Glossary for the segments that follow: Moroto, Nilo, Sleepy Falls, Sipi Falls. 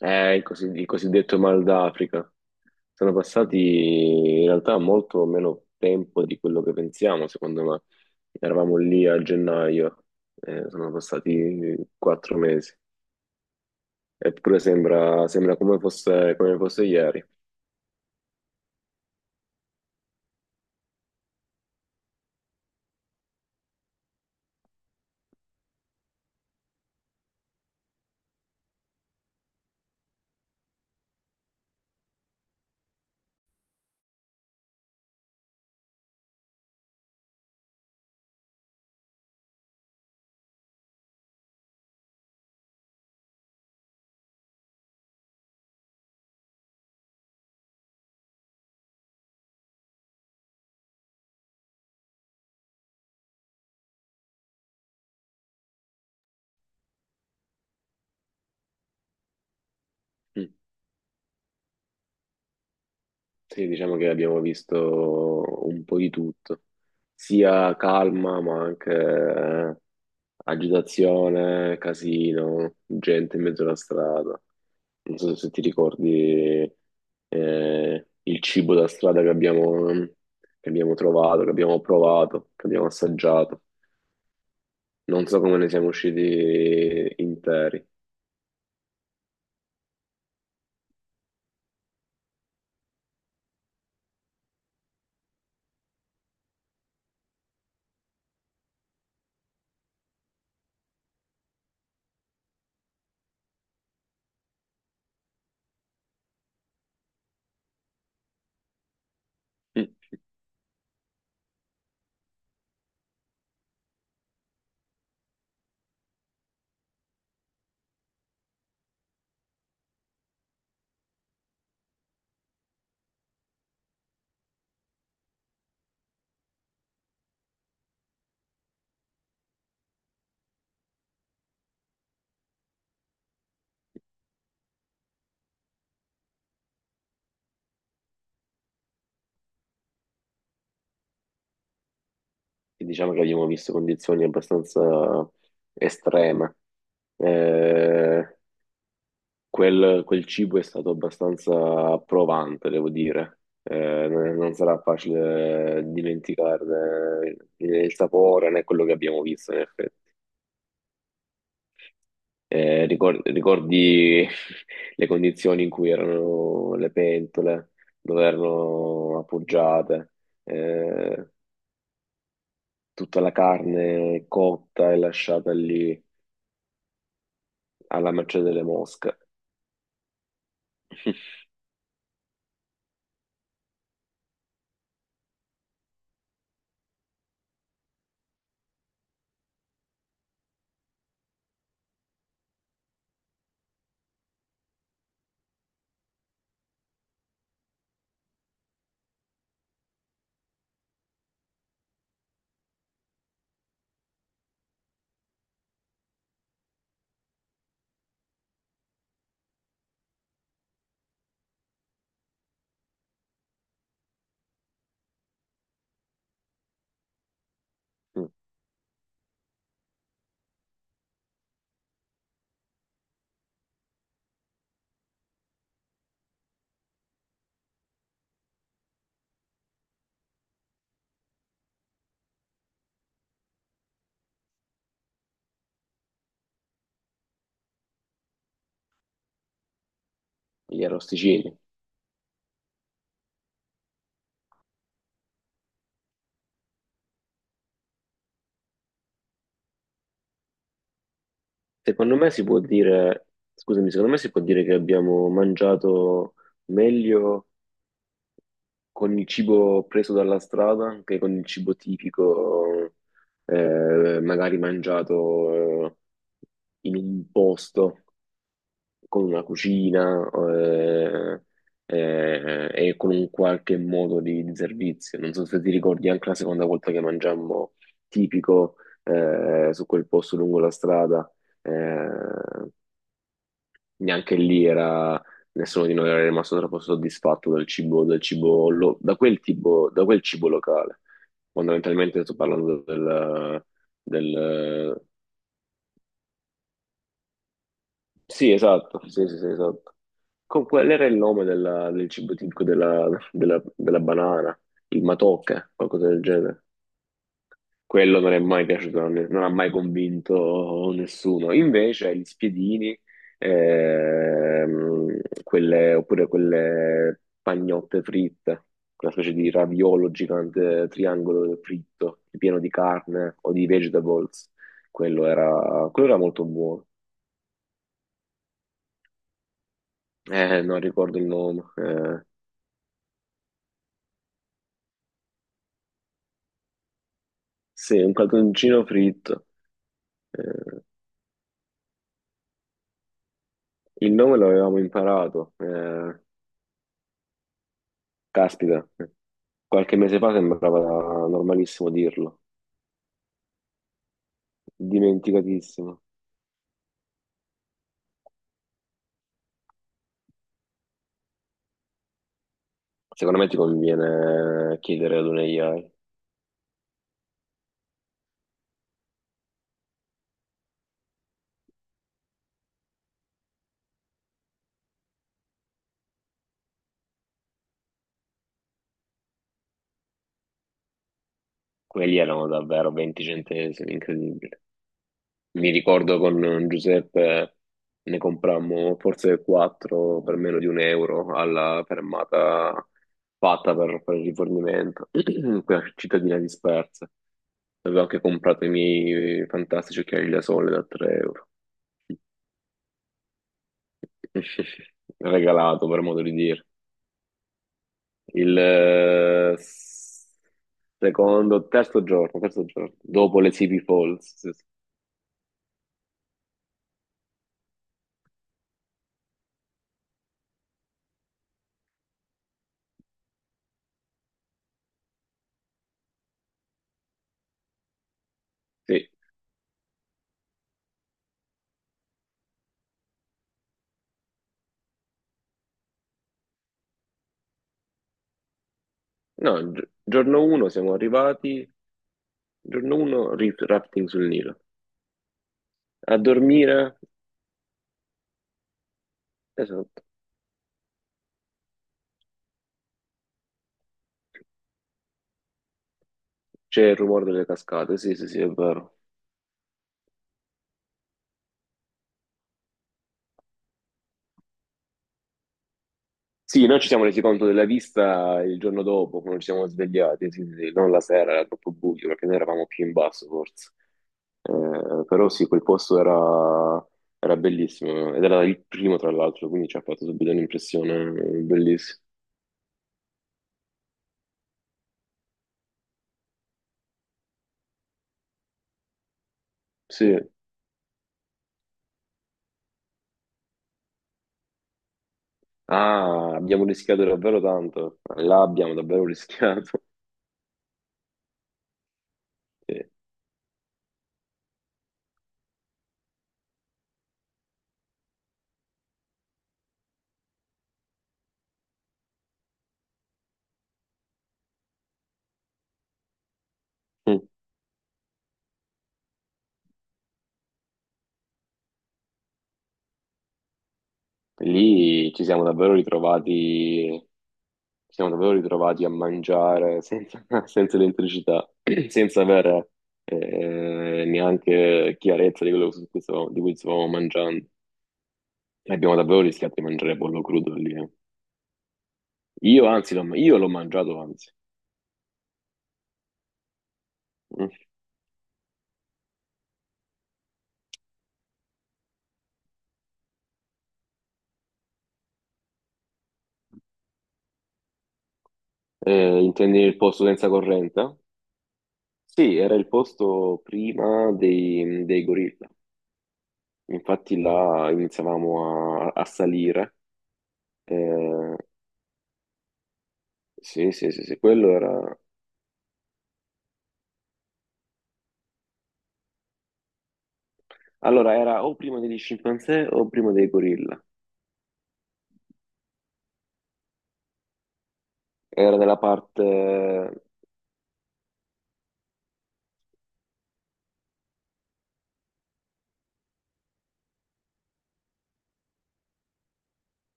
Il cosiddetto mal d'Africa. Sono passati in realtà molto meno tempo di quello che pensiamo, secondo me. Eravamo lì a gennaio, sono passati 4 mesi, eppure sembra come fosse ieri. Mm. Sì, diciamo che abbiamo visto un po' di tutto, sia calma ma anche agitazione, casino, gente in mezzo alla strada. Non so se ti ricordi il cibo da strada che abbiamo trovato, che abbiamo provato, che abbiamo assaggiato. Non so come ne siamo usciti interi. Mm. E diciamo che abbiamo visto condizioni abbastanza estreme. Eh, quel cibo è stato abbastanza provante, devo dire. Non sarà facile dimenticarne né il sapore né quello che abbiamo visto, in effetti. Ricordi le condizioni in cui erano le pentole, dove erano appoggiate, eh, tutta la carne cotta e lasciata lì alla mercé delle mosche. Mm, gli arrosticini. Secondo me si può dire, scusami, secondo me si può dire che abbiamo mangiato meglio con il cibo preso dalla strada che con il cibo tipico, magari mangiato in un posto con una cucina e con un qualche modo di servizio. Non so se ti ricordi anche la seconda volta che mangiammo tipico su quel posto lungo la strada. Eh, neanche lì era Nessuno di noi era rimasto troppo soddisfatto dal cibo, del cibo da quel tipo, da quel cibo locale. Fondamentalmente sto parlando del. Sì, esatto, sì, sì, sì, esatto. Qual era il nome del cibo tipico della banana? Il matocche, qualcosa del genere. Quello non è mai piaciuto, non ha mai convinto nessuno. Invece gli spiedini, oppure quelle pagnotte fritte, una specie di raviolo gigante triangolo fritto, pieno di carne o di vegetables, quello era molto buono. Non ricordo il nome. Sì, un cartoncino fritto. Eh, il nome l'avevamo imparato. Caspita. Qualche mese fa sembrava normalissimo dirlo, dimenticatissimo. Secondo me ti conviene chiedere ad un AI. Quelli erano davvero 20 centesimi, incredibile. Mi ricordo con Giuseppe ne comprammo forse quattro per meno di un euro alla fermata fatta per fare il rifornimento, quella cittadina dispersa. Avevo anche comprato i miei fantastici occhiali da sole da 3 euro. Regalato, per modo di dire. Il eh, s- secondo, terzo giorno, dopo le Sleepy Falls. Sì, sì. No, giorno 1 siamo arrivati, giorno 1 rafting sul Nilo. A dormire, esatto, c'è il rumore delle cascate, sì, sì, sì, è vero. Sì, noi ci siamo resi conto della vista il giorno dopo, quando ci siamo svegliati, sì, sì, sì, non la sera, era troppo buio, perché noi eravamo più in basso, forse. Però sì, quel posto era bellissimo ed era il primo tra l'altro, quindi ci ha fatto subito un'impressione bellissima. Sì, ah, abbiamo rischiato davvero tanto, là abbiamo davvero rischiato. Sì. Mm. Lì ci siamo davvero ritrovati a mangiare senza, senza elettricità, senza avere neanche chiarezza di quello di cui stavamo mangiando. E abbiamo davvero rischiato di mangiare pollo crudo lì. Io anzi, l'ho io l'ho mangiato anzi. Mm. Intendi il posto senza corrente? Sì, era il posto prima dei gorilla. Infatti là iniziavamo a salire. Eh, sì, sì, sì, sì, quello era. Allora, era o prima degli scimpanzé o prima dei gorilla. Era della parte.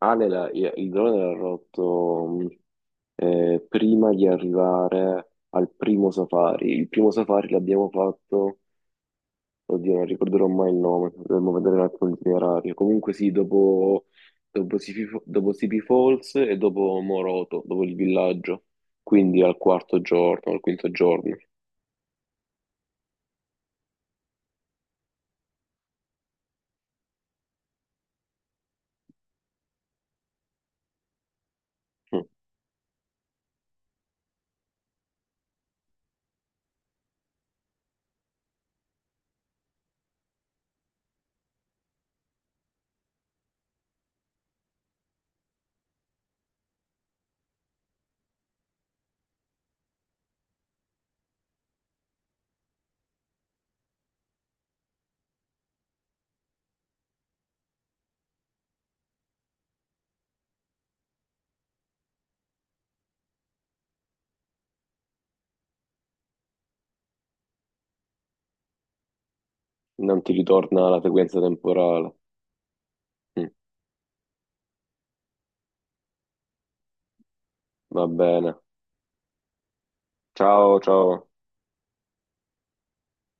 Ale, il drone era rotto prima di arrivare al primo safari. Il primo safari l'abbiamo fatto. Oddio, non ricorderò mai il nome, dovremmo vedere un attimo l'itinerario. Comunque sì, dopo, Sipi, dopo Sipi Falls e dopo Moroto, dopo il villaggio, quindi al quarto giorno, al quinto giorno. Mm. Non ti ritorna la frequenza temporale. Mm. Va bene. Ciao, ciao.